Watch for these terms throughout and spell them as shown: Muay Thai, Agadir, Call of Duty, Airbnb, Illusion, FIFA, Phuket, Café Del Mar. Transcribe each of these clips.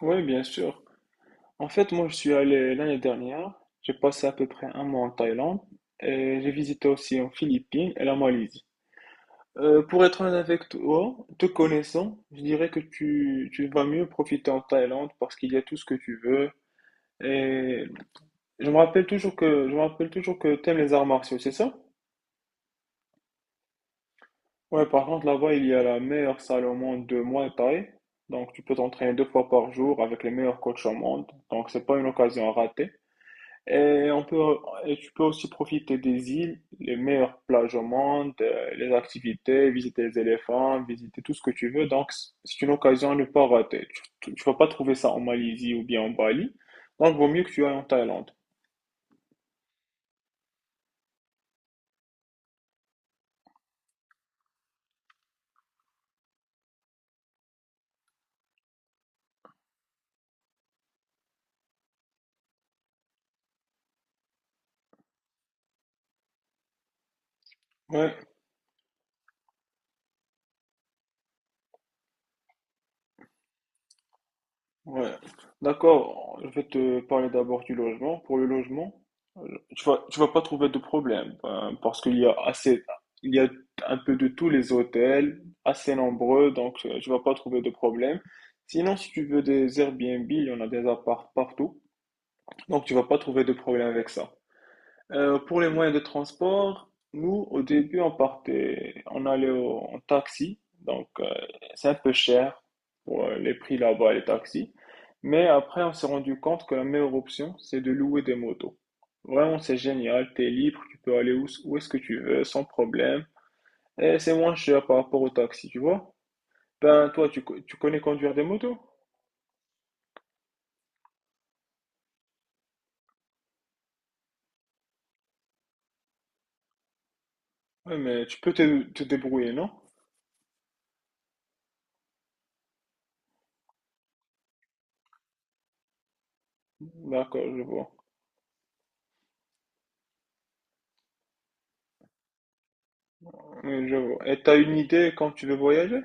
Oui, bien sûr. En fait, moi, je suis allé l'année dernière. J'ai passé à peu près un mois en Thaïlande et j'ai visité aussi en Philippines et la Malaisie. Pour être honnête avec toi, te connaissant, je dirais que tu vas mieux profiter en Thaïlande parce qu'il y a tout ce que tu veux. Et je me rappelle toujours que t'aimes les arts martiaux, c'est ça? Ouais, par contre, là-bas, il y a la meilleure salle au monde de Muay Thai. Donc, tu peux t'entraîner deux fois par jour avec les meilleurs coachs au monde. Donc, c'est pas une occasion à rater. Et on peut, et tu peux aussi profiter des îles, les meilleures plages au monde, les activités, visiter les éléphants, visiter tout ce que tu veux. Donc, c'est une occasion à ne pas rater. Tu vas pas trouver ça en Malaisie ou bien en Bali. Donc, vaut mieux que tu ailles en Thaïlande. Ouais. Ouais, d'accord. Je vais te parler d'abord du logement. Pour le logement, euh, tu vas pas trouver de problème parce qu'il y a assez, il y a un peu de tous les hôtels, assez nombreux, donc tu vas pas trouver de problème. Sinon, si tu veux des Airbnb, il y en a des apparts partout, donc tu vas pas trouver de problème avec ça. Pour les moyens de transport, nous, au début, on partait, on allait en taxi. Donc, c'est un peu cher pour les prix là-bas, les taxis. Mais après, on s'est rendu compte que la meilleure option, c'est de louer des motos. Vraiment, c'est génial. T'es libre, tu peux aller où, où est-ce que tu veux, sans problème. Et c'est moins cher par rapport au taxi, tu vois. Ben, toi, tu connais conduire des motos? Oui, mais tu peux te débrouiller, non? D'accord, je vois. Oui, je vois. Et t'as une idée quand tu veux voyager?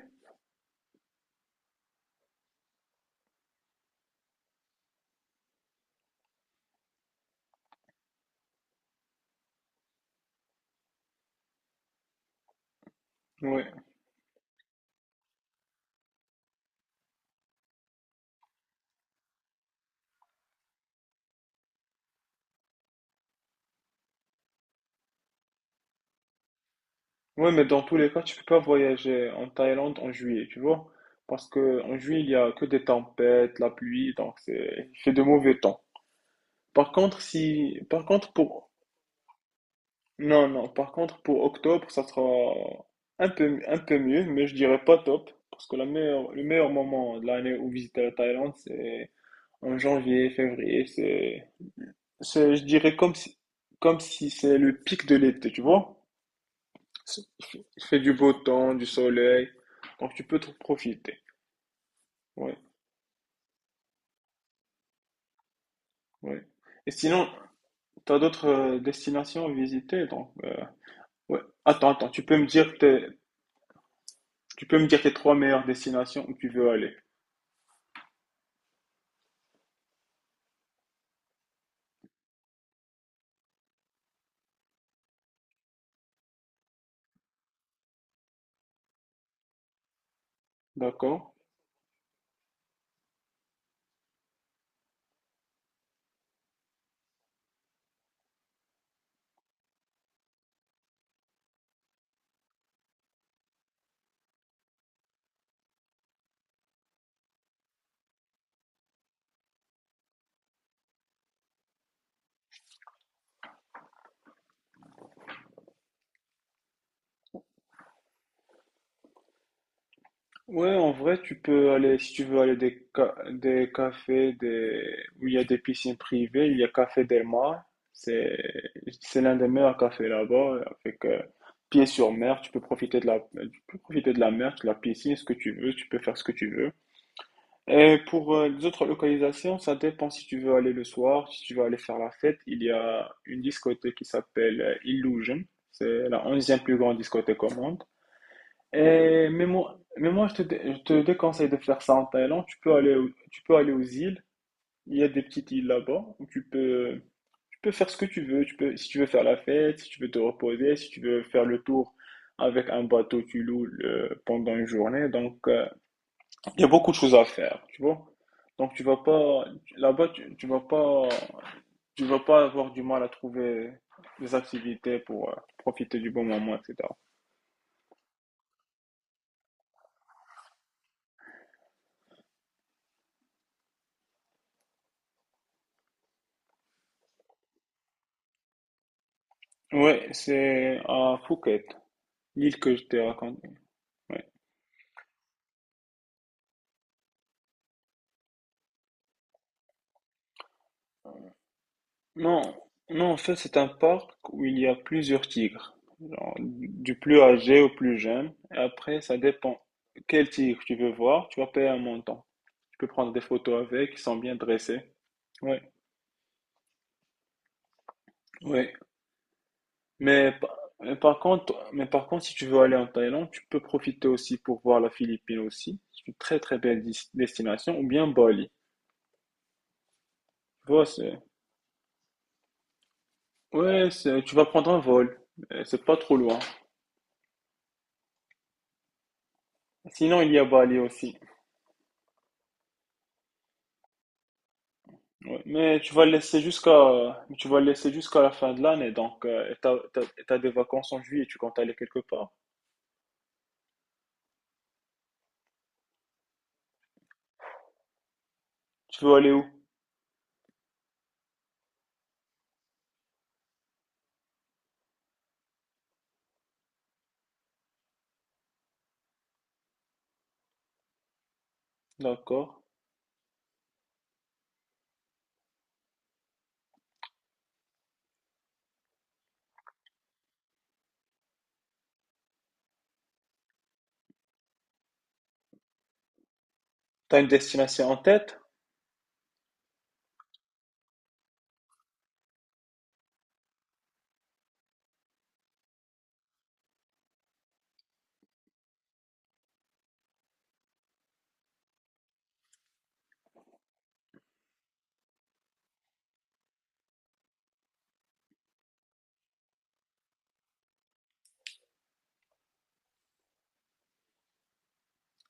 Ouais. Ouais, mais dans tous les cas, tu peux pas voyager en Thaïlande en juillet, tu vois? Parce que en juillet, il y a que des tempêtes, la pluie, donc c'est, il fait de mauvais temps. Par contre, si, par contre, pour, non, non, par contre, pour octobre, ça sera un peu mieux, mais je dirais pas top. Parce que le meilleur moment de l'année où visiter la Thaïlande, c'est en janvier, février. Je dirais comme si c'est le pic de l'été, tu vois? Il fait du beau temps, du soleil, donc tu peux te profiter. Ouais, ouais. Et sinon, tu as d'autres destinations à visiter, donc ouais. Attends, attends, tu peux me dire tes trois meilleures destinations où tu veux aller, d'accord? Ouais, en vrai, si tu veux aller des cafés où il y a des piscines privées, il y a Café Del Mar. C'est, c'est l'un des meilleurs cafés là-bas, avec pied sur mer. Tu peux profiter de la mer, de la piscine, ce que tu veux. Tu peux faire ce que tu veux. Et pour les autres localisations, ça dépend si tu veux aller le soir, si tu veux aller faire la fête. Il y a une discothèque qui s'appelle Illusion. C'est la 11e plus grande discothèque au monde. Mais moi, je te déconseille de faire ça en Thaïlande. Tu peux aller aux îles. Il y a des petites îles là-bas où tu peux faire ce que tu veux. Tu peux, si tu veux faire la fête, si tu veux te reposer, si tu veux faire le tour avec un bateau, tu loues pendant une journée. Donc, il y a beaucoup de choses à faire, tu vois. Donc, tu vas pas, là-bas, tu vas pas avoir du mal à trouver des activités pour profiter du bon moment, etc. Ouais, c'est à Phuket. L'île que je t'ai raconté. Ouais. Non, non, en fait, c'est un parc où il y a plusieurs tigres, genre, du plus âgé au plus jeune. Et après, ça dépend quel tigre tu veux voir. Tu vas payer un montant. Tu peux prendre des photos avec, ils sont bien dressés. Ouais, ouais. Mais par contre, si tu veux aller en Thaïlande, tu peux profiter aussi pour voir la Philippine aussi. C'est une très très belle destination, ou bien Bali. Tu vois, ouais, tu vas prendre un vol. C'est pas trop loin. Sinon, il y a Bali aussi. Ouais, mais tu vas le laisser jusqu'à la fin de l'année, donc et t'as des vacances en juillet, tu comptes aller quelque part. Tu veux aller où? D'accord. T'as une destination en tête?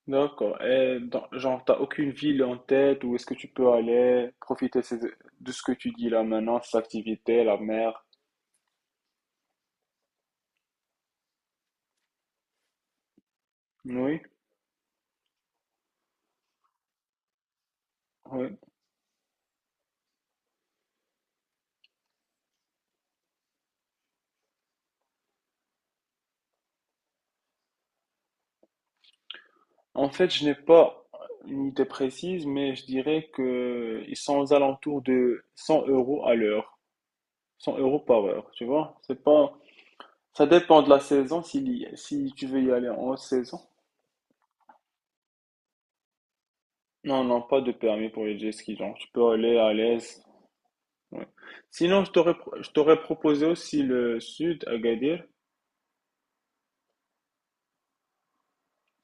D'accord. Genre, t'as aucune ville en tête où est-ce que tu peux aller profiter de ce que tu dis là maintenant, cette activité, la mer? Oui, oui. En fait, je n'ai pas une idée précise, mais je dirais que ils sont aux alentours de 100 euros à l'heure, 100 euros par heure, tu vois. C'est pas, ça dépend de la saison, si tu veux y aller en haute saison. Non, non, pas de permis pour les jet skis, genre, tu peux aller à l'aise. Ouais. Sinon, je t'aurais proposé aussi le sud, Agadir.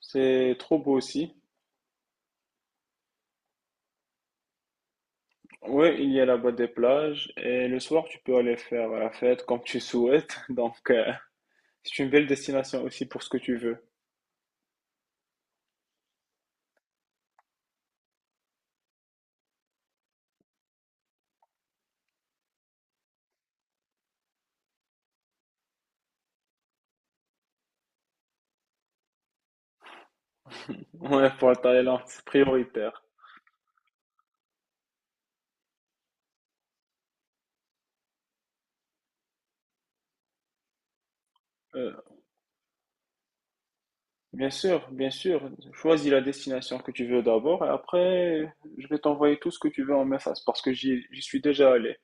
C'est trop beau aussi. Oui, il y a là-bas des plages et le soir, tu peux aller faire la fête comme tu souhaites. Donc, c'est une belle destination aussi pour ce que tu veux. Ouais, pour la Thaïlande, c'est prioritaire. Euh, Bien sûr, bien sûr. Choisis la destination que tu veux d'abord et après, je vais t'envoyer tout ce que tu veux en message parce que j'y suis déjà allé.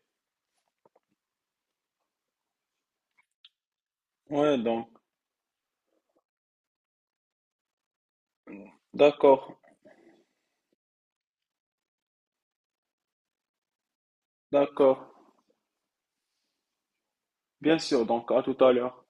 Ouais, donc, d'accord, d'accord. Bien sûr, donc à tout à l'heure.